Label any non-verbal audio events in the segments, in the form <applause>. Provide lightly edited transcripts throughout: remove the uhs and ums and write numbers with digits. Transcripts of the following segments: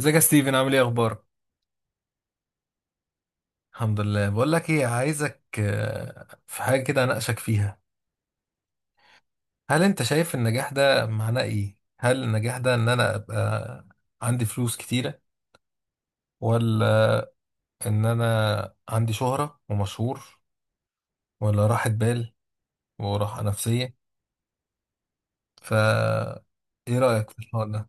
ازيك يا ستيفن؟ عامل ايه؟ اخبارك؟ الحمد لله. بقول لك ايه، عايزك في حاجه كده اناقشك فيها. هل انت شايف النجاح ده معناه ايه؟ هل النجاح ده ان انا ابقى عندي فلوس كتيره؟ ولا ان انا عندي شهره ومشهور؟ ولا راحه بال وراحه نفسيه؟ ف ايه رايك في الحوار ده؟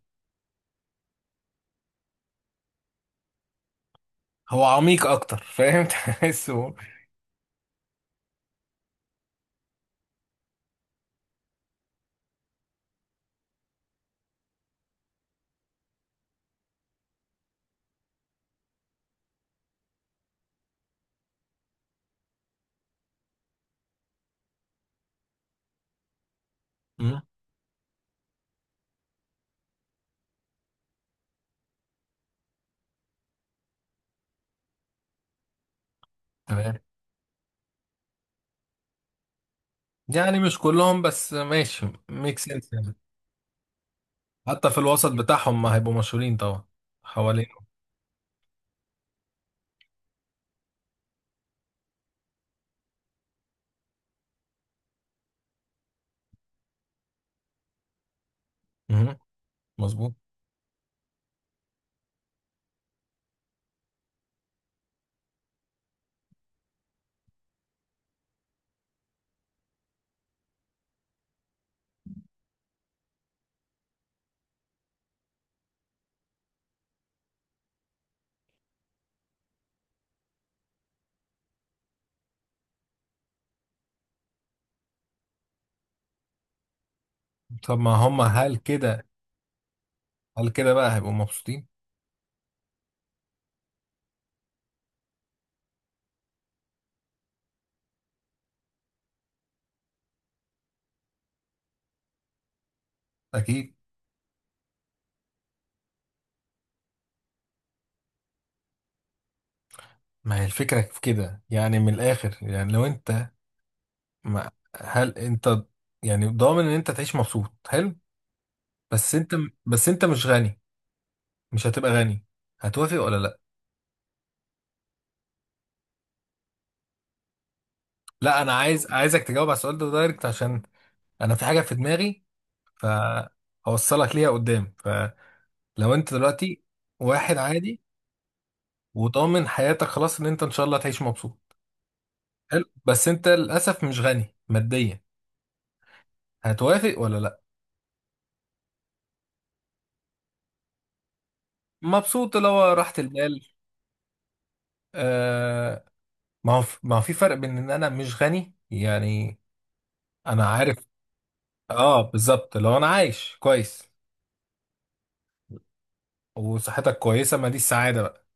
هو عميق اكتر، فاهم؟ <laughs> تحسه. مم. تمام. يعني مش كلهم، بس ماشي، ميك سنس يعني. حتى في الوسط بتاعهم ما هيبقوا مشهورين طبعا، حوالين. مهم. مظبوط. طب ما هم، هل كده؟ هل كده بقى هيبقوا مبسوطين؟ اكيد. ما هي الفكره في كده يعني، من الاخر يعني، لو انت ما هل انت يعني ضامن ان انت تعيش مبسوط؟ حلو، بس انت بس انت مش غني، مش هتبقى غني، هتوافق ولا لا؟ لا، انا عايزك تجاوب على السؤال ده دايركت، عشان انا في حاجه في دماغي، فهوصلك ليها قدام. فلو انت دلوقتي واحد عادي وضامن حياتك خلاص ان انت ان شاء الله تعيش مبسوط، حلو، بس انت للاسف مش غني ماديا، هتوافق ولا لا؟ مبسوط لو راحة البال. آه. ما هو في فرق بين ان انا مش غني يعني، انا عارف. اه، بالظبط، لو انا عايش كويس وصحتك كويسة، ما دي السعادة بقى.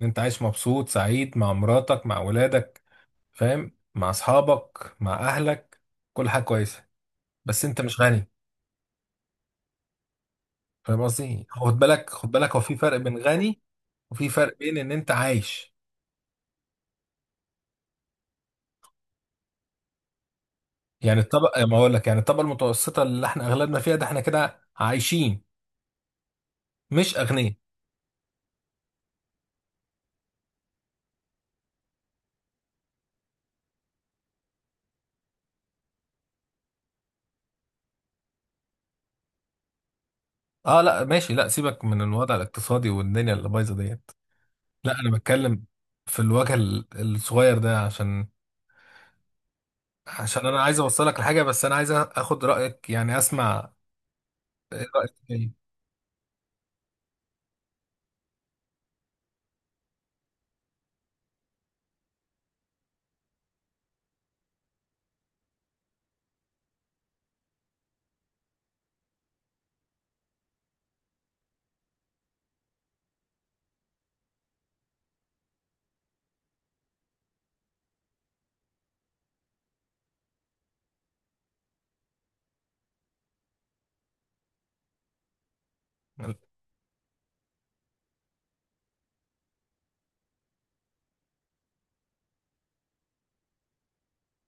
ان انت عايش مبسوط سعيد مع مراتك، مع ولادك، فاهم، مع اصحابك، مع اهلك، كل حاجة كويسة، بس انت مش غني. فاهم قصدي؟ خد بالك، خد بالك، هو في فرق بين غني وفي فرق بين ان انت عايش. يعني الطبقة، ما اقول لك يعني، الطبقة المتوسطة اللي احنا اغلبنا فيها، ده احنا كده عايشين، مش اغنياء. اه لا، ماشي، لا سيبك من الوضع الاقتصادي والدنيا اللي بايظة ديت. لا انا بتكلم في الوجه الصغير ده، عشان انا عايز اوصلك لحاجة، بس انا عايز اخد رأيك يعني، اسمع. إيه رأيك إيه؟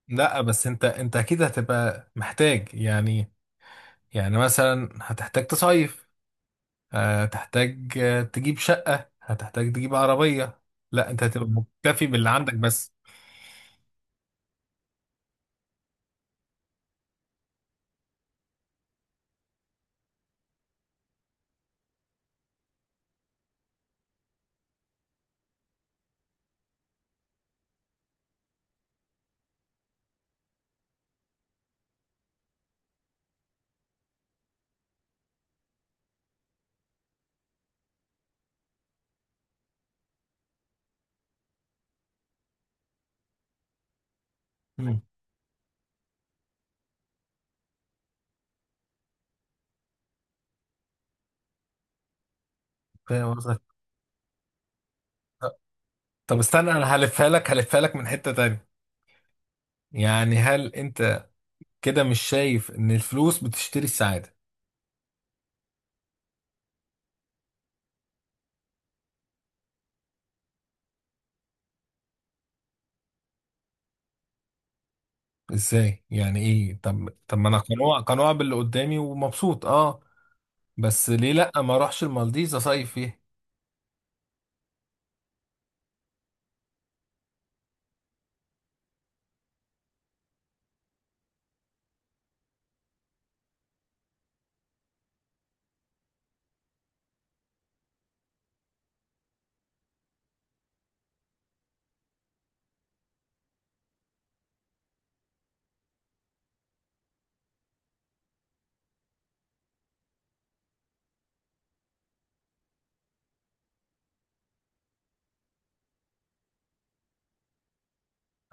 لا، بس انت اكيد هتبقى محتاج يعني. يعني مثلا هتحتاج تصيف، هتحتاج تجيب شقة، هتحتاج تجيب عربية. لا انت هتبقى مكتفي باللي عندك بس؟ مم. فاهم قصدك. طب استنى، انا هلفها لك من حتة تانية. يعني هل انت كده مش شايف ان الفلوس بتشتري السعادة؟ ازاي يعني ايه؟ طب ما انا قنوع قنوع باللي قدامي ومبسوط، اه، بس ليه لا ما اروحش المالديفز اصيف فيها؟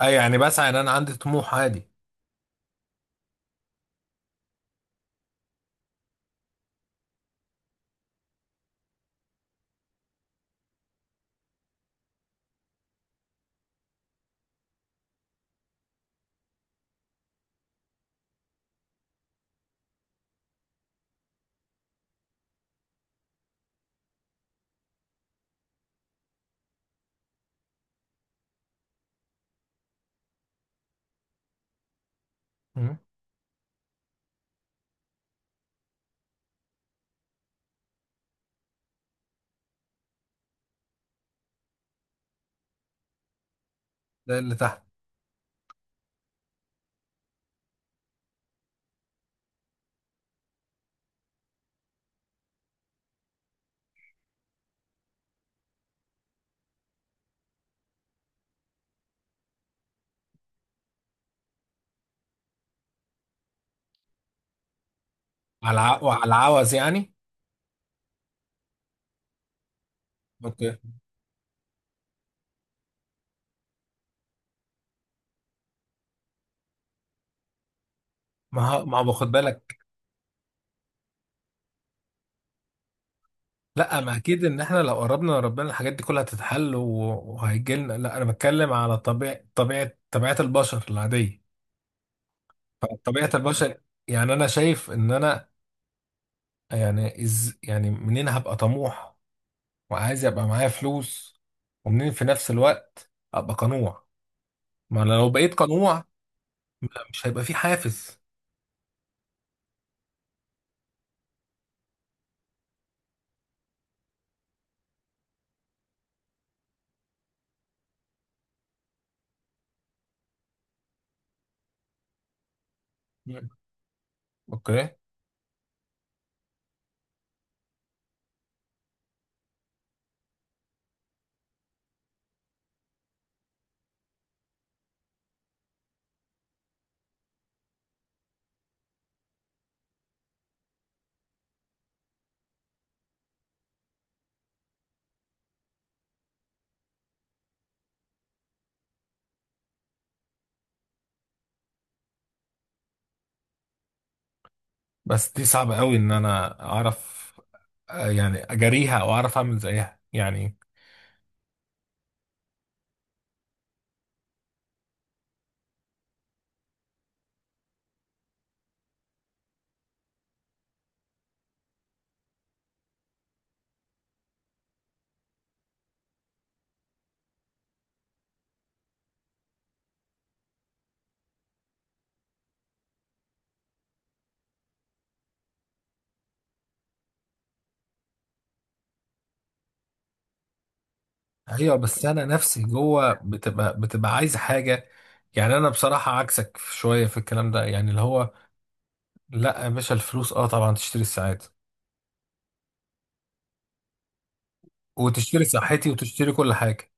اه يعني بسعى، ان انا عندي طموح عادي. مم. ده اللي تحت. وعلى العوز يعني. اوكي. ما هو باخد بالك. لا، ما اكيد ان احنا لو قربنا لربنا الحاجات دي كلها هتتحل، وهيجيلنا. لا انا بتكلم على طبيعة البشر العادية، فطبيعة البشر، يعني انا شايف ان انا، يعني يعني منين هبقى طموح وعايز يبقى معايا فلوس، ومنين في نفس الوقت ابقى قنوع؟ ما انا لو بقيت قنوع، لا، مش هيبقى في حافز. مم. اوكي. بس دي صعبة قوي ان انا اعرف، يعني اجاريها او اعرف اعمل زيها يعني. ايوه، بس انا نفسي جوه بتبقى عايز حاجه، يعني انا بصراحه عكسك شويه في الكلام ده، يعني اللي هو، لا يا باشا، الفلوس طبعا تشتري الساعات وتشتري صحتي وتشتري كل حاجه.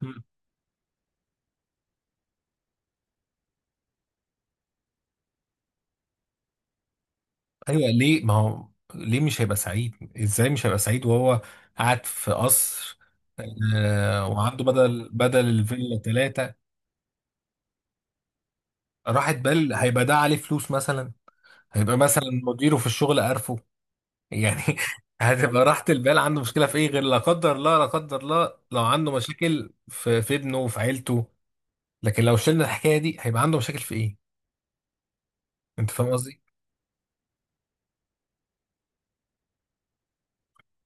مم. ايوه، ليه ما هو ليه مش هيبقى سعيد، ازاي مش هيبقى سعيد وهو قاعد في قصر؟ آه، وعنده بدل الفيلا ثلاثه. راحت بال، هيبقى ده عليه فلوس مثلا، هيبقى مثلا مديره في الشغل، عارفه يعني. <laughs> هتبقى راحة البال عنده مشكلة في ايه، غير لا قدر الله، لا قدر الله، لو عنده مشاكل في ابنه وفي عيلته. لكن لو شلنا الحكاية دي، هيبقى عنده مشاكل في ايه؟ انت فاهم قصدي؟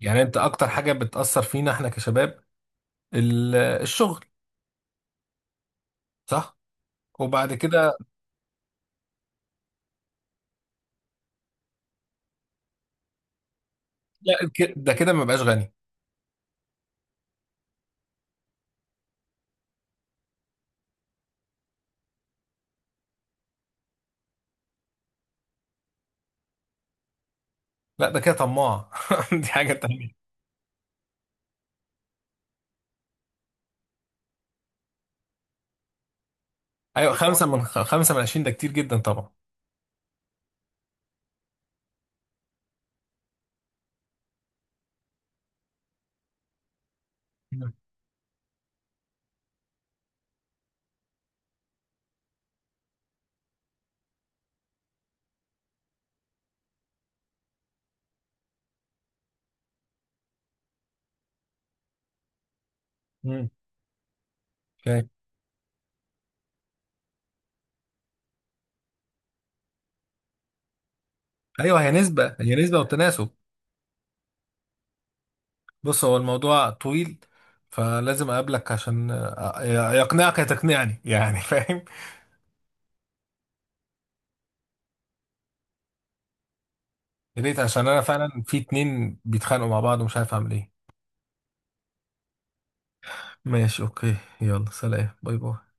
يعني انت اكتر حاجة بتأثر فينا احنا كشباب، الشغل، صح، وبعد كده. لا، ده كده ما بقاش غني. لا، ده كده طماع، <laughs> دي حاجة تانية. ايوه، خمسة من 20 ده كتير جدا طبعا. مم. مم. فاهم. ايوه، هي نسبة وتناسب. بص، هو الموضوع طويل، فلازم اقابلك عشان يقنعك يا تقنعني يعني، <laughs> فاهم. يا ريت، عشان انا فعلا في اتنين بيتخانقوا مع بعض ومش عارف اعمل ايه. ماشي، اوكي، يلا، سلام، باي باي.